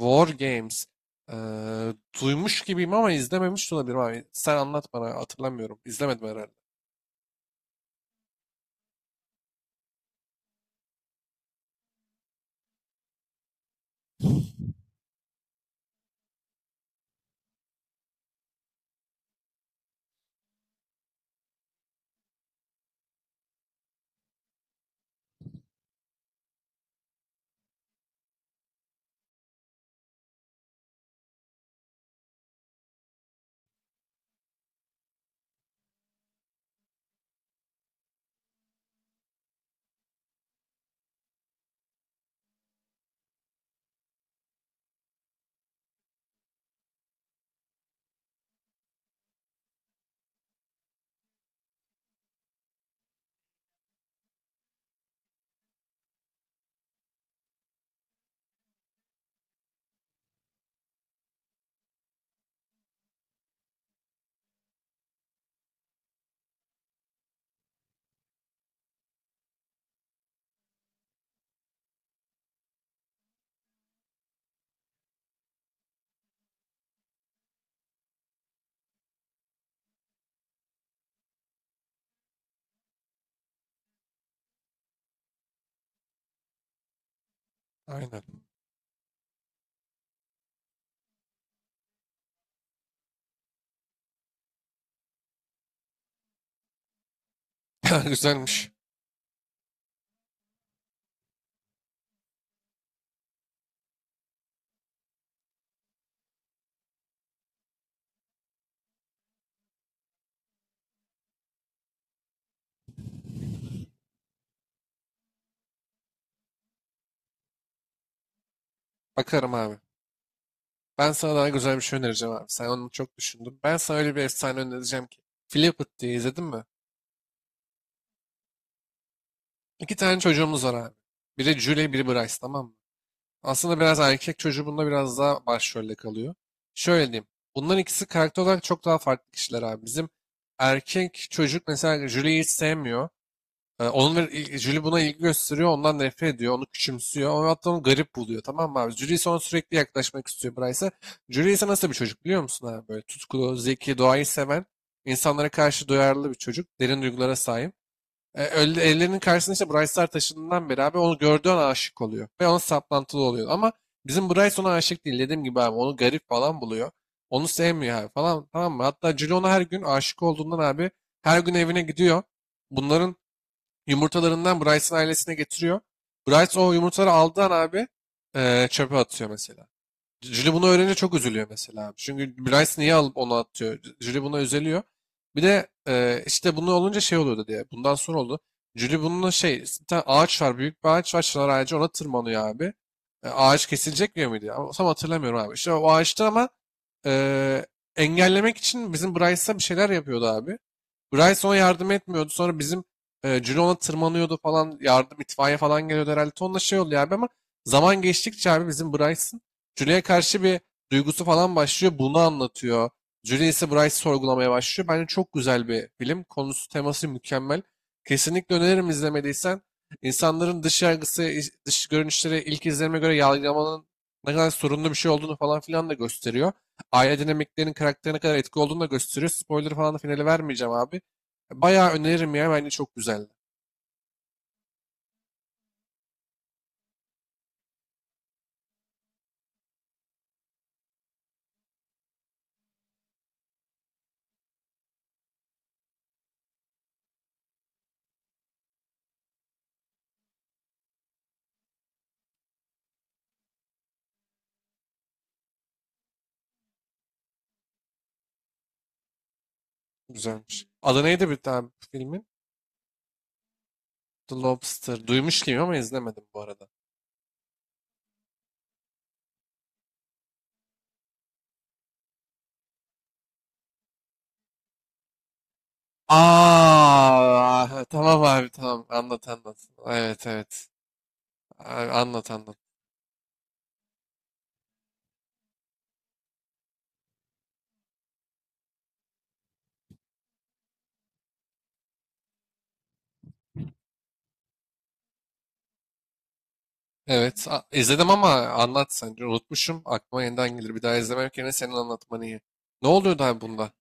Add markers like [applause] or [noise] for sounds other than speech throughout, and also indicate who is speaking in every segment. Speaker 1: War Games. Ee, Duymuş gibiyim ama izlememiş de olabilirim abi. Sen anlat bana hatırlamıyorum. İzlemedim herhalde. Aynen. [laughs] Güzelmiş. Bakarım abi. Ben sana daha güzel bir şey önereceğim abi. Sen onu çok düşündün. Ben sana öyle bir efsane önereceğim ki. Flipit diye izledin mi? İki tane çocuğumuz var abi. Biri Julie, biri Bryce tamam mı? Aslında biraz erkek çocuğu bunda biraz daha başrolde kalıyor. Şöyle diyeyim. Bunların ikisi karakter olarak çok daha farklı kişiler abi. Bizim erkek çocuk mesela Julie'yi hiç sevmiyor. Onun ve Julie buna ilgi gösteriyor, ondan nefret ediyor, onu küçümsüyor, ama hatta onu garip buluyor tamam mı abi? Julie ise ona sürekli yaklaşmak istiyor Bryce'a. Julie ise nasıl bir çocuk biliyor musun abi? Böyle tutkulu, zeki, doğayı seven, insanlara karşı duyarlı bir çocuk, derin duygulara sahip. Ellerinin karşısına işte Bryce'lar taşındığından beri abi onu gördüğü an aşık oluyor ve ona saplantılı oluyor. Ama bizim Bryce ona aşık değil dediğim gibi abi onu garip falan buluyor. Onu sevmiyor abi falan tamam mı? Hatta Julie ona her gün aşık olduğundan abi her gün evine gidiyor. Bunların yumurtalarından Bryce'ın ailesine getiriyor. Bryce o yumurtaları aldığı an abi çöpe atıyor mesela. Julie bunu öğrenince çok üzülüyor mesela abi. Çünkü Bryce niye alıp onu atıyor? Julie buna üzülüyor. Bir de işte bunu olunca şey oluyordu diye. Bundan sonra oldu. Julie bununla şey bir tane ağaç var. Büyük bir ağaç var. Çınar ağacı ona tırmanıyor abi. Ağaç kesilecek diyor muydu? Ama tam hatırlamıyorum abi. İşte o ağaçta ama eee, engellemek için bizim Bryce'a bir şeyler yapıyordu abi. Bryson yardım etmiyordu. Sonra bizim Ciro ona tırmanıyordu falan. Yardım itfaiye falan geliyordu herhalde. Tonla şey oldu ya abi ama zaman geçtikçe abi bizim Bryson Julie'ye karşı bir duygusu falan başlıyor. Bunu anlatıyor. Julie ise Bryce'ı sorgulamaya başlıyor. Bence çok güzel bir film. Konusu teması mükemmel. Kesinlikle öneririm izlemediysen. İnsanların dış yargısı, dış görünüşleri ilk izlenime göre yargılamanın ne kadar sorunlu bir şey olduğunu falan filan da gösteriyor aile dinamiklerinin karakterine kadar etki olduğunu da gösteriyor. Spoiler falan da finale vermeyeceğim abi. Bayağı öneririm ya. Bence çok güzeldi. Güzelmiş. Adı neydi bir tane filmin? The Lobster. Duymuş gibi ama izlemedim bu arada. Aa, tamam abi tamam. Anlat anlat. Evet evet. Abi, anlat anlat. Evet izledim ama anlat sence. Unutmuşum. Aklıma yeniden gelir. Bir daha izlemek yerine senin anlatman iyi. Ne oluyordu abi bunda?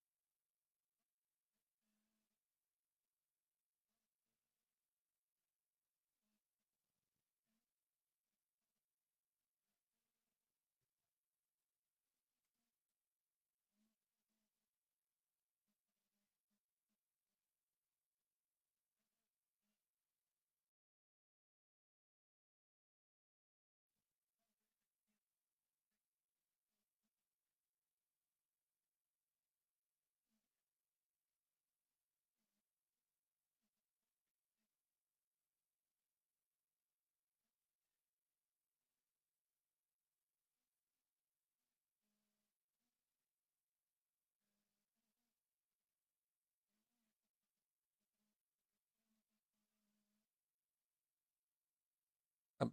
Speaker 1: Ha,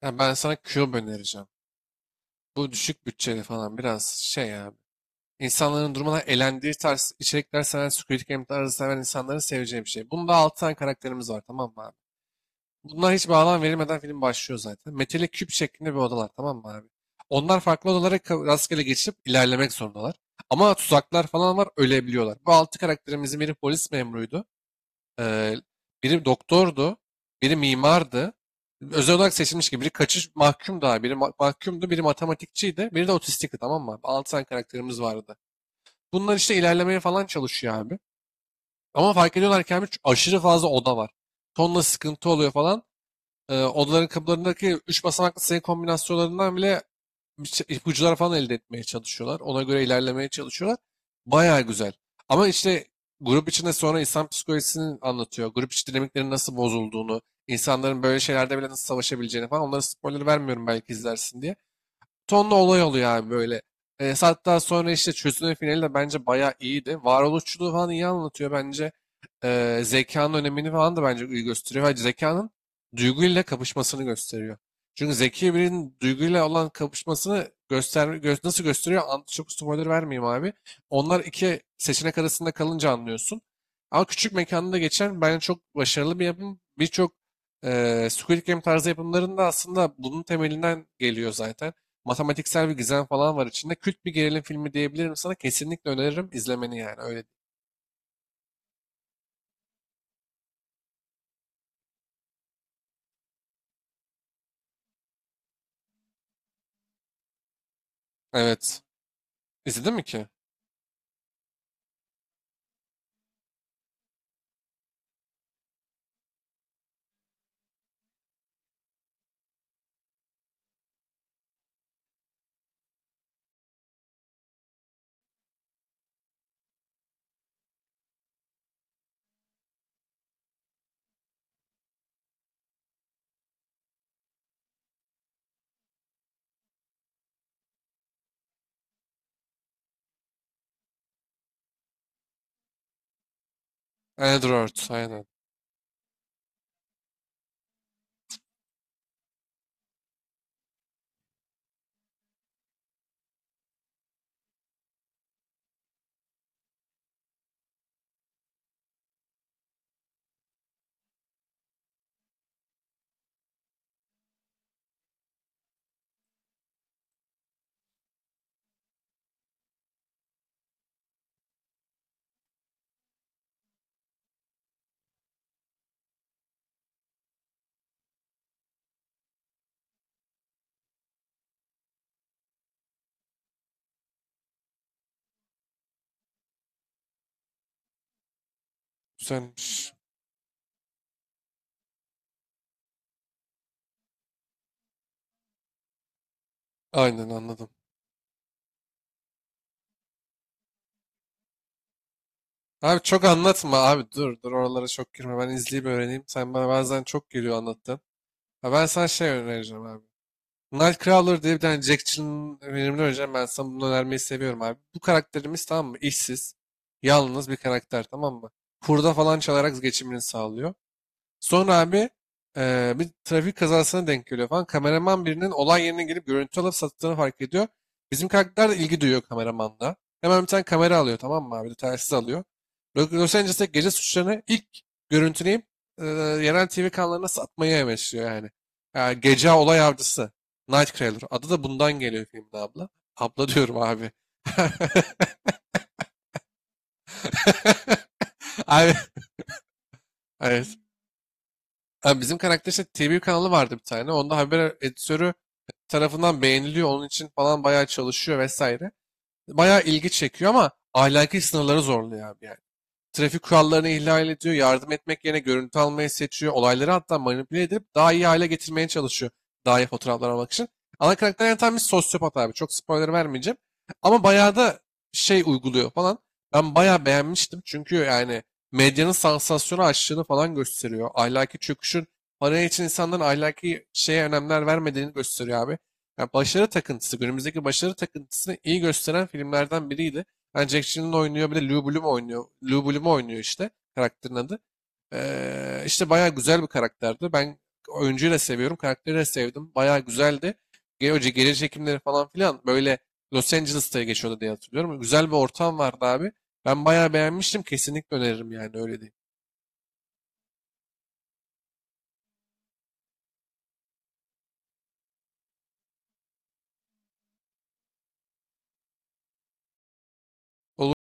Speaker 1: ha, ben sana Cube önereceğim. Bu düşük bütçeli falan biraz şey ya. İnsanların durmadan elendiği tarz içerikler seven, Squid Game tarzı seven insanların seveceği bir şey. Bunda 6 tane karakterimiz var tamam mı abi? Bunlar hiç bağlam verilmeden film başlıyor zaten. Metalik küp şeklinde bir odalar tamam mı abi? Onlar farklı odalara rastgele geçip ilerlemek zorundalar. Ama tuzaklar falan var ölebiliyorlar. Bu 6 karakterimizin biri polis memuruydu. Ee, Biri doktordu. Biri mimardı. Özel olarak seçilmiş gibi. Biri kaçış mahkum daha. Biri mahkumdu. Biri matematikçiydi. Biri de otistikti tamam mı abi? 6 tane karakterimiz vardı. Bunlar işte ilerlemeye falan çalışıyor abi. Ama fark ediyorlar ki abi aşırı fazla oda var. Tonla sıkıntı oluyor falan. Odaların kapılarındaki 3 basamaklı sayı kombinasyonlarından bile ipuçları falan elde etmeye çalışıyorlar. Ona göre ilerlemeye çalışıyorlar. Bayağı güzel. Ama işte grup içinde sonra insan psikolojisini anlatıyor. Grup içi dinamiklerin nasıl bozulduğunu, insanların böyle şeylerde bile nasıl savaşabileceğini falan. Onlara spoiler vermiyorum belki izlersin diye tonla olay oluyor abi böyle. Hatta sonra işte çözünün finali de bence bayağı iyiydi. Varoluşçuluğu falan iyi anlatıyor bence. Zekanın önemini falan da bence iyi gösteriyor. Ve zekanın duyguyla kapışmasını gösteriyor. Çünkü zeki birinin duyguyla olan kapışmasını nasıl gösteriyor? Çok spoiler vermeyeyim abi. Onlar iki seçenek arasında kalınca anlıyorsun. Ama küçük mekanda geçen bence çok başarılı bir yapım. Birçok Squid Game tarzı yapımların da aslında bunun temelinden geliyor zaten matematiksel bir gizem falan var içinde. Kült bir gerilim filmi diyebilirim sana. Kesinlikle öneririm izlemeni yani. Öyle. Evet. İzledin mi ki? Android. Aynen. Güzelmiş. Aynen anladım. Abi çok anlatma abi dur dur oralara çok girme ben izleyip öğreneyim. Sen bana bazen çok geliyor anlattın. Ha, ben sana şey önereceğim abi. Nightcrawler diye bir tane Jack Chill'in filmini önereceğim ben sana bunu önermeyi seviyorum abi. Bu karakterimiz tamam mı İşsiz yalnız bir karakter tamam mı? Hurda falan çalarak geçimini sağlıyor. Sonra abi bir trafik kazasına denk geliyor falan. Kameraman birinin olay yerine gelip görüntü alıp sattığını fark ediyor. Bizim karakter de ilgi duyuyor kameramanla. Hemen bir tane kamera alıyor tamam mı abi? Bir de telsiz alıyor. Los Angeles'te gece suçlarını ilk görüntüleyip eee, yerel TV kanallarına satmayı amaçlıyor yani. Yani gece olay avcısı. Nightcrawler. Adı da bundan geliyor filmde abla. Abla diyorum abi. [laughs] Abi, evet. Abi bizim karakter işte TV kanalı vardı bir tane. Onda haber editörü tarafından beğeniliyor. Onun için falan bayağı çalışıyor vesaire. Bayağı ilgi çekiyor ama ahlaki sınırları zorluyor abi yani. Trafik kurallarını ihlal ediyor, yardım etmek yerine görüntü almayı seçiyor, olayları hatta manipüle edip daha iyi hale getirmeye çalışıyor. Daha iyi fotoğraflar almak için. Ana karakter yani tam bir sosyopat abi. Çok spoiler vermeyeceğim. Ama bayağı da şey uyguluyor falan. Ben bayağı beğenmiştim. Çünkü yani medyanın sansasyonu açtığını falan gösteriyor. Ahlaki çöküşün para için insanların ahlaki şeye önemler vermediğini gösteriyor abi. Yani başarı takıntısı, günümüzdeki başarı takıntısını iyi gösteren filmlerden biriydi. Yani Jack Gyllenhaal oynuyor. Bir de Lou Bloom oynuyor. Lou Bloom oynuyor işte. Karakterin adı. İşte bayağı güzel bir karakterdi. Ben oyuncuyu da seviyorum. Karakteri de sevdim. Bayağı güzeldi. Önce geri çekimleri falan filan böyle Los Angeles'ta geçiyordu diye hatırlıyorum. Güzel bir ortam vardı abi. Ben bayağı beğenmiştim. Kesinlikle öneririm yani öyle değil. Olur.